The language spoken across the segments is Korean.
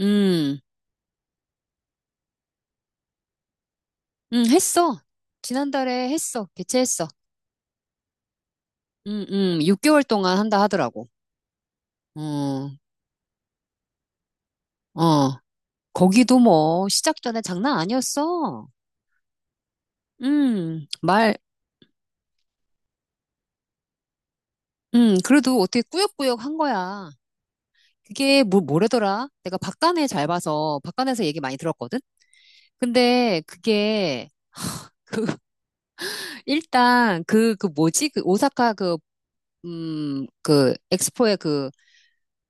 음, 했어. 지난달에 했어. 개최했어. 6개월 동안 한다 하더라고. 어, 어. 거기도 시작 전에 장난 아니었어. 음, 말, 그래도 어떻게 꾸역꾸역 한 거야. 그게 뭐래더라? 내가 박간에 잘 봐서, 박간에서 얘기 많이 들었거든? 근데 그게, 그, 일단, 그, 그 뭐지? 그 오사카 엑스포의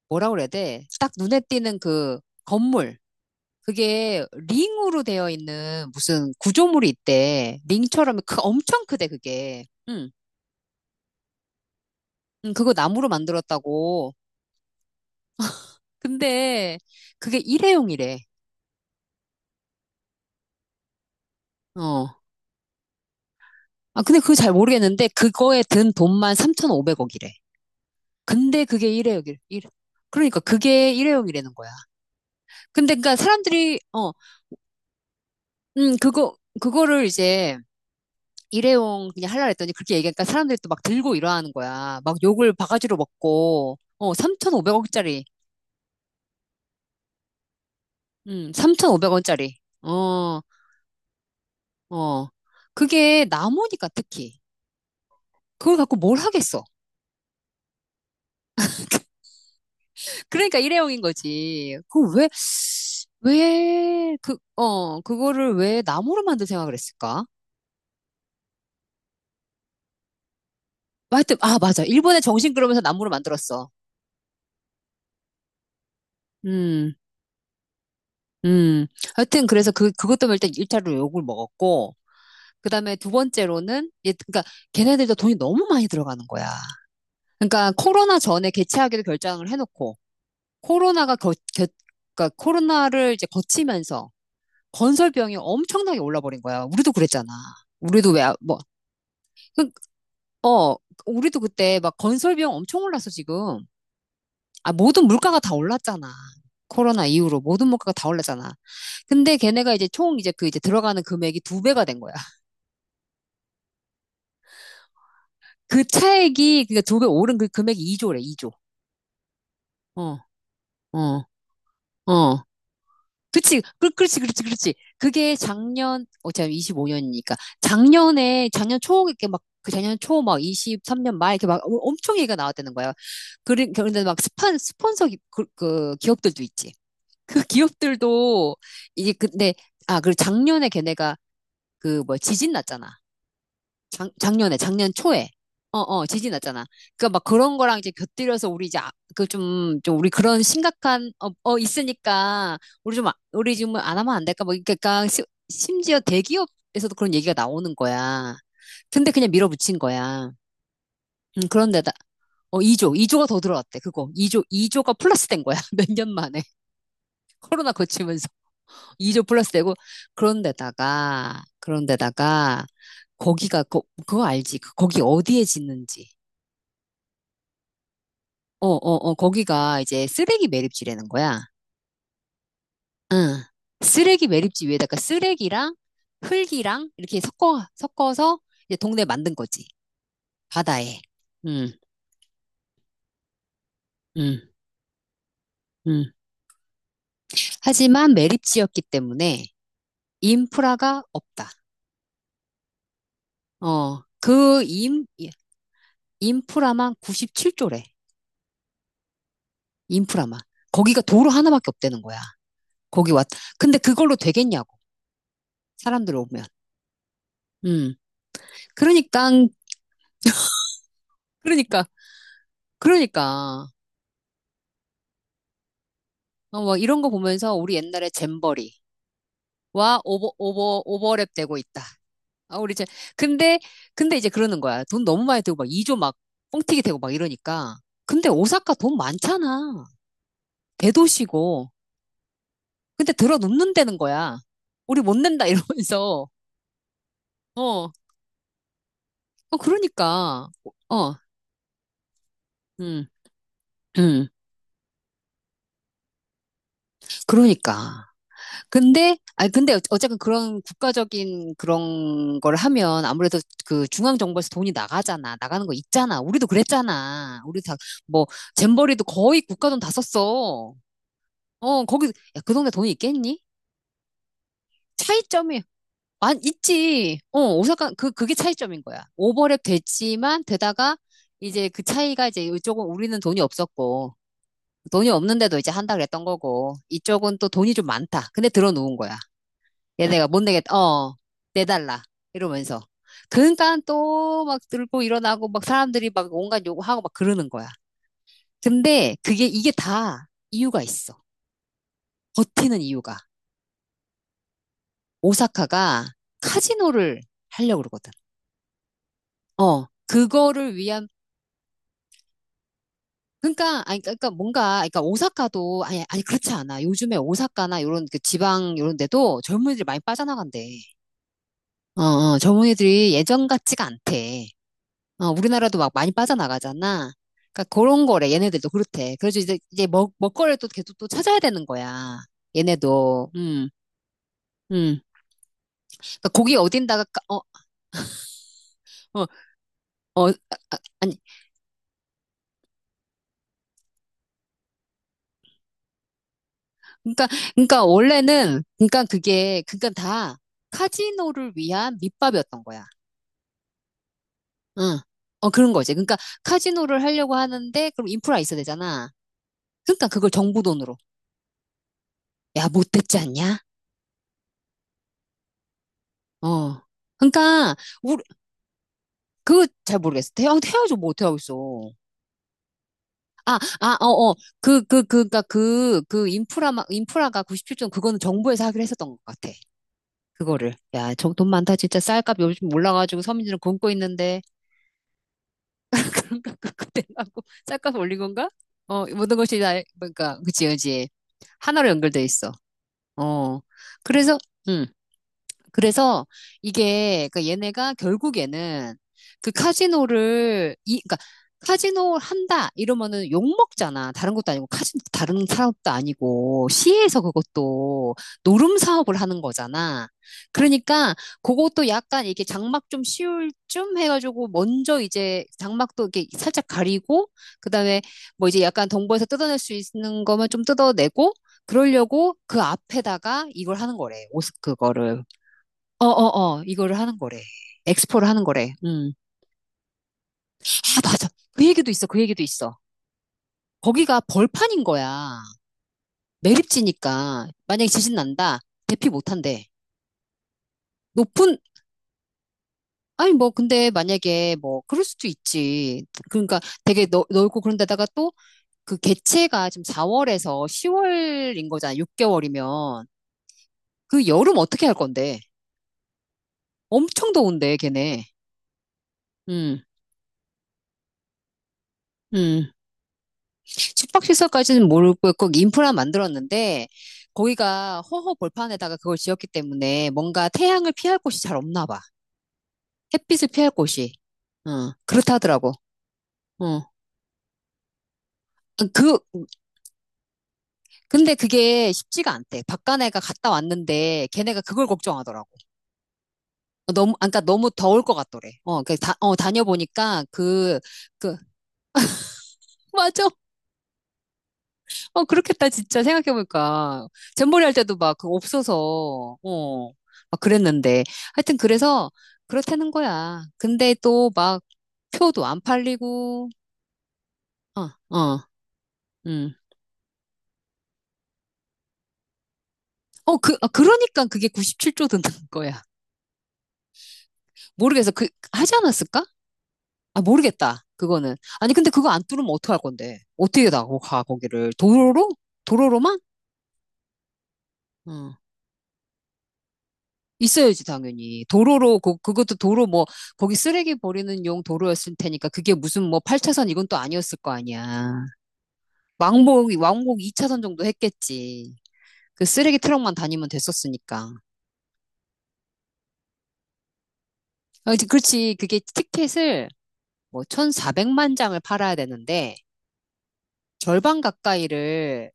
뭐라 그래야 돼? 딱 눈에 띄는 그 건물. 그게 링으로 되어 있는 무슨 구조물이 있대. 엄청 크대, 그게. 응. 응, 그거 나무로 만들었다고. 근데 그게 일회용이래. 어. 근데 그거 잘 모르겠는데 그거에 든 돈만 3,500억이래. 근데 그게 그러니까 그게 일회용이라는 거야. 근데 그러니까 사람들이 어, 그거 그거를 이제 일회용 그냥 하려고 했더니 그렇게 얘기하니까 사람들이 또 막 들고 일어나는 거야. 막 욕을 바가지로 먹고, 3,500억짜리. 3,500원짜리. 어, 어. 그게 나무니까 특히. 그걸 갖고 뭘 하겠어. 그러니까 일회용인 거지. 그거를 왜 나무로 만들 생각을 했을까? 맞아. 일본의 정신 그러면서 나무로 만들었어. 음, 음. 하여튼, 그래서 그것 때문에 일단 일차로 욕을 먹었고, 그 다음에 두 번째로는, 그러니까 걔네들도 돈이 너무 많이 들어가는 거야. 그러니까 코로나 전에 개최하기로 결정을 해놓고, 코로나가 거, 겨, 그러니까 코로나를 이제 거치면서 건설비용이 엄청나게 올라버린 거야. 우리도 그랬잖아. 우리도 왜, 아- 뭐, 그- 어, 우리도 그때 막 건설비용 엄청 올랐어, 지금. 모든 물가가 다 올랐잖아. 코로나 이후로 모든 물가가 다 올랐잖아. 근데 걔네가 이제 총 이제 그 이제 들어가는 금액이 두 배가 된 거야. 그 차액이, 그니까 두 배 오른 그 금액이 2조래, 2조. 어, 어, 어. 그치, 그, 그렇지, 그렇지, 그렇지. 그게 작년, 제 25년이니까. 작년 초, 이렇게 막, 그 작년 초, 막, 23년 말, 엄청 얘기가 나왔다는 거야. 그런데 스폰서, 기업들도 있지. 그 기업들도, 이게, 근데, 아, 그리고 작년에 지진 났잖아. 작년 초에. 지진 났잖아. 그니까 막 그런 거랑 이제 곁들여서 우리 이제, 아, 그 좀, 좀 우리 그런 있으니까, 우리 지금 안 하면 안 될까? 심지어 대기업에서도 그런 얘기가 나오는 거야. 근데 그냥 밀어붙인 거야. 음, 그런데다, 어, 2조, 2조가 더 들어왔대, 그거. 2조가 플러스 된 거야, 몇 년 만에. 코로나 거치면서. 2조 플러스 되고 그런데다가 그거 알지? 그 거기 어디에 짓는지. 거기가 이제 쓰레기 매립지라는 거야. 응. 쓰레기 매립지 위에다가 쓰레기랑 흙이랑 이렇게 섞어서 이제 동네 만든 거지. 바다에. 음, 음, 음. 하지만 매립지였기 때문에 인프라가 없다. 어, 그 인, 예, 인프라만 97조래. 인프라만. 거기가 도로 하나밖에 없다는 거야. 거기 왔. 근데 그걸로 되겠냐고. 사람들 오면. 음. 그러니까, 그러니까, 그러니까. 뭐 이런 거 보면서 우리 옛날에 잼버리와 오버랩 되고 있다. 아, 우리 이제, 근데, 근데 이제 그러는 거야. 돈 너무 많이 들고 막 2조 막 뻥튀기 되고 막 이러니까. 근데 오사카 돈 많잖아. 대도시고. 근데 들어 눕는다는 거야. 우리 못 낸다 이러면서. 어, 어, 그러니까. 어, 음, 음, 그러니까. 근데, 아, 근데 어- 어쨌든 그런 국가적인 그런 걸 하면 아무래도 그 중앙정부에서 돈이 나가잖아. 나가는 거 있잖아. 우리도 그랬잖아. 뭐, 잼버리도 거의 국가 돈 다 썼어. 야, 그 동네 돈이 있겠니? 차이점이, 안, 있지. 그게 차이점인 거야. 이제 그 차이가 이제 이쪽은 우리는 돈이 없었고, 돈이 없는데도 이제 한다 그랬던 거고, 이쪽은 또 돈이 좀 많다. 근데 들어놓은 거야. 얘네가 못 내겠다. 내달라. 이러면서. 그러니까 또 막 들고 일어나고 막 사람들이 막 온갖 요구하고 막 그러는 거야. 근데 그게 이게 다 이유가 있어. 버티는 이유가. 오사카가 카지노를 하려고 그러거든. 그거를 위한 그러니까 아니 그러니까 뭔가 그러니까 오사카도 아니 아니 그렇지 않아. 요즘에 오사카나 요런 그 지방 요런 데도 젊은이들이 많이 빠져나간대. 젊은이들이 예전 같지가 않대. 우리나라도 막 많이 빠져나가잖아. 그러니까 그런 거래. 얘네들도 그렇대. 그래서 이제 이제 먹 먹거리를 또 계속 또 찾아야 되는 거야. 얘네도. 음. 그러니까 고기 어딘다가 까- 어, 어, 어, 아, 아, 아니. 그러니까 그러니까 원래는 그러니까 그게 그러니까 다 카지노를 위한 밑밥이었던 거야. 응. 어, 그런 거지. 그러니까 카지노를 하려고 하는데 그럼 인프라 있어야 되잖아. 그러니까 그걸 정부 돈으로. 야, 못됐지 않냐? 어. 그러니까 그거 잘 모르겠어. 태양에서 뭐 어떻게 하고 있어. 아, 아, 어, 어. 그, 그, 그, 그니까 그, 그 인프라, 인프라가 97조, 그거는 정부에서 하기로 했었던 것 같아. 그거를. 야, 돈 많다. 진짜 쌀값 요즘 올라가지고 서민들은 굶고 있는데. 그런가, 그거 내려고 쌀값 올린 건가? 모든 것이 그치. 하나로 연결돼 있어. 어. 그래서, 음. 그래서 이게 그러니까 얘네가 결국에는 그 카지노를 이 그러니까 카지노를 한다 이러면은 욕 먹잖아. 다른 사업도 아니고 시에서 그것도 노름 사업을 하는 거잖아. 그러니까 그것도 약간 이게 장막 좀 씌울 쯤 해가지고 먼저 이제 장막도 이렇게 살짝 가리고 그다음에 뭐 이제 약간 동부에서 뜯어낼 수 있는 거면 좀 뜯어내고 그러려고 그 앞에다가 이걸 하는 거래. 옷 그거를 이거를 하는 거래. 엑스포를 하는 거래. 음. 아, 맞아. 그 얘기도 있어. 거기가 벌판인 거야. 매립지니까. 만약에 지진 난다. 대피 못 한대. 높은, 아니, 뭐, 근데 만약에 뭐, 그럴 수도 있지. 넓고 그런 데다가 또 그 개체가 지금 4월에서 10월인 거잖아. 6개월이면. 그 여름 어떻게 할 건데? 엄청 더운데, 걔네. 음, 음. 숙박시설까지는 모르고 꼭 인프라 만들었는데 거기가 허허 벌판에다가 그걸 지었기 때문에 뭔가 태양을 피할 곳이 잘 없나 봐. 햇빛을 피할 곳이. 어, 그렇다더라고. 어. 그, 근데 그게 쉽지가 않대. 박간애가 갔다 왔는데 걔네가 그걸 걱정하더라고. 너무, 아, 까 너무 더울 것 같더래. 다녀보니까 그, 맞아. 어, 그렇겠다, 진짜, 생각해보니까. 잼버리 할 때도 막, 그, 없어서, 막 그랬는데. 하여튼, 그래서, 그렇다는 거야. 표도 안 팔리고, 어, 어, 음. 그러니까 그게 97조 드는 거야. 모르겠어. 하지 않았을까? 아, 모르겠다. 그거는. 아니, 근데 그거 안 뚫으면 어떡할 건데? 어떻게 나가, 거기를? 도로로? 도로로만? 어. 있어야지 당연히 도로로 그, 그것도 도로 뭐 거기 쓰레기 버리는 용 도로였을 테니까 그게 무슨 8차선 이건 또 아니었을 거 아니야 왕복 2차선 정도 했겠지 그 쓰레기 트럭만 다니면 됐었으니까 아, 이제 그렇지 그게 티켓을 뭐 1,400만 장을 팔아야 되는데 절반 가까이를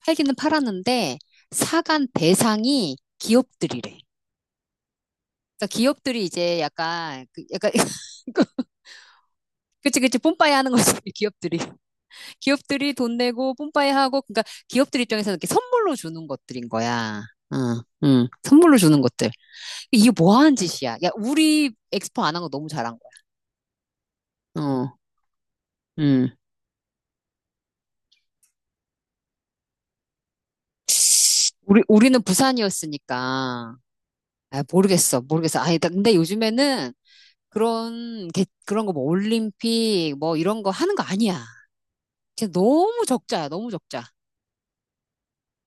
팔기는 팔았는데 사간 배상이 기업들이래 그러니까 기업들이 이제 약간 그치 그치 뽐빠이 하는 거지 기업들이 기업들이 돈 내고 뽐빠이 하고, 그러니까 기업들 입장에서는 이렇게 선물로 주는 것들인 거야. 응. 선물로 주는 것들. 이게 뭐 하는 짓이야? 야, 우리 엑스포 안 한 거 너무 잘한 거야. 응. 우리는 부산이었으니까. 모르겠어. 아니, 나- 근데 요즘에는 그런 거 뭐 올림픽 뭐 이런 거 하는 거 아니야. 진짜 너무 적자야, 너무 적자.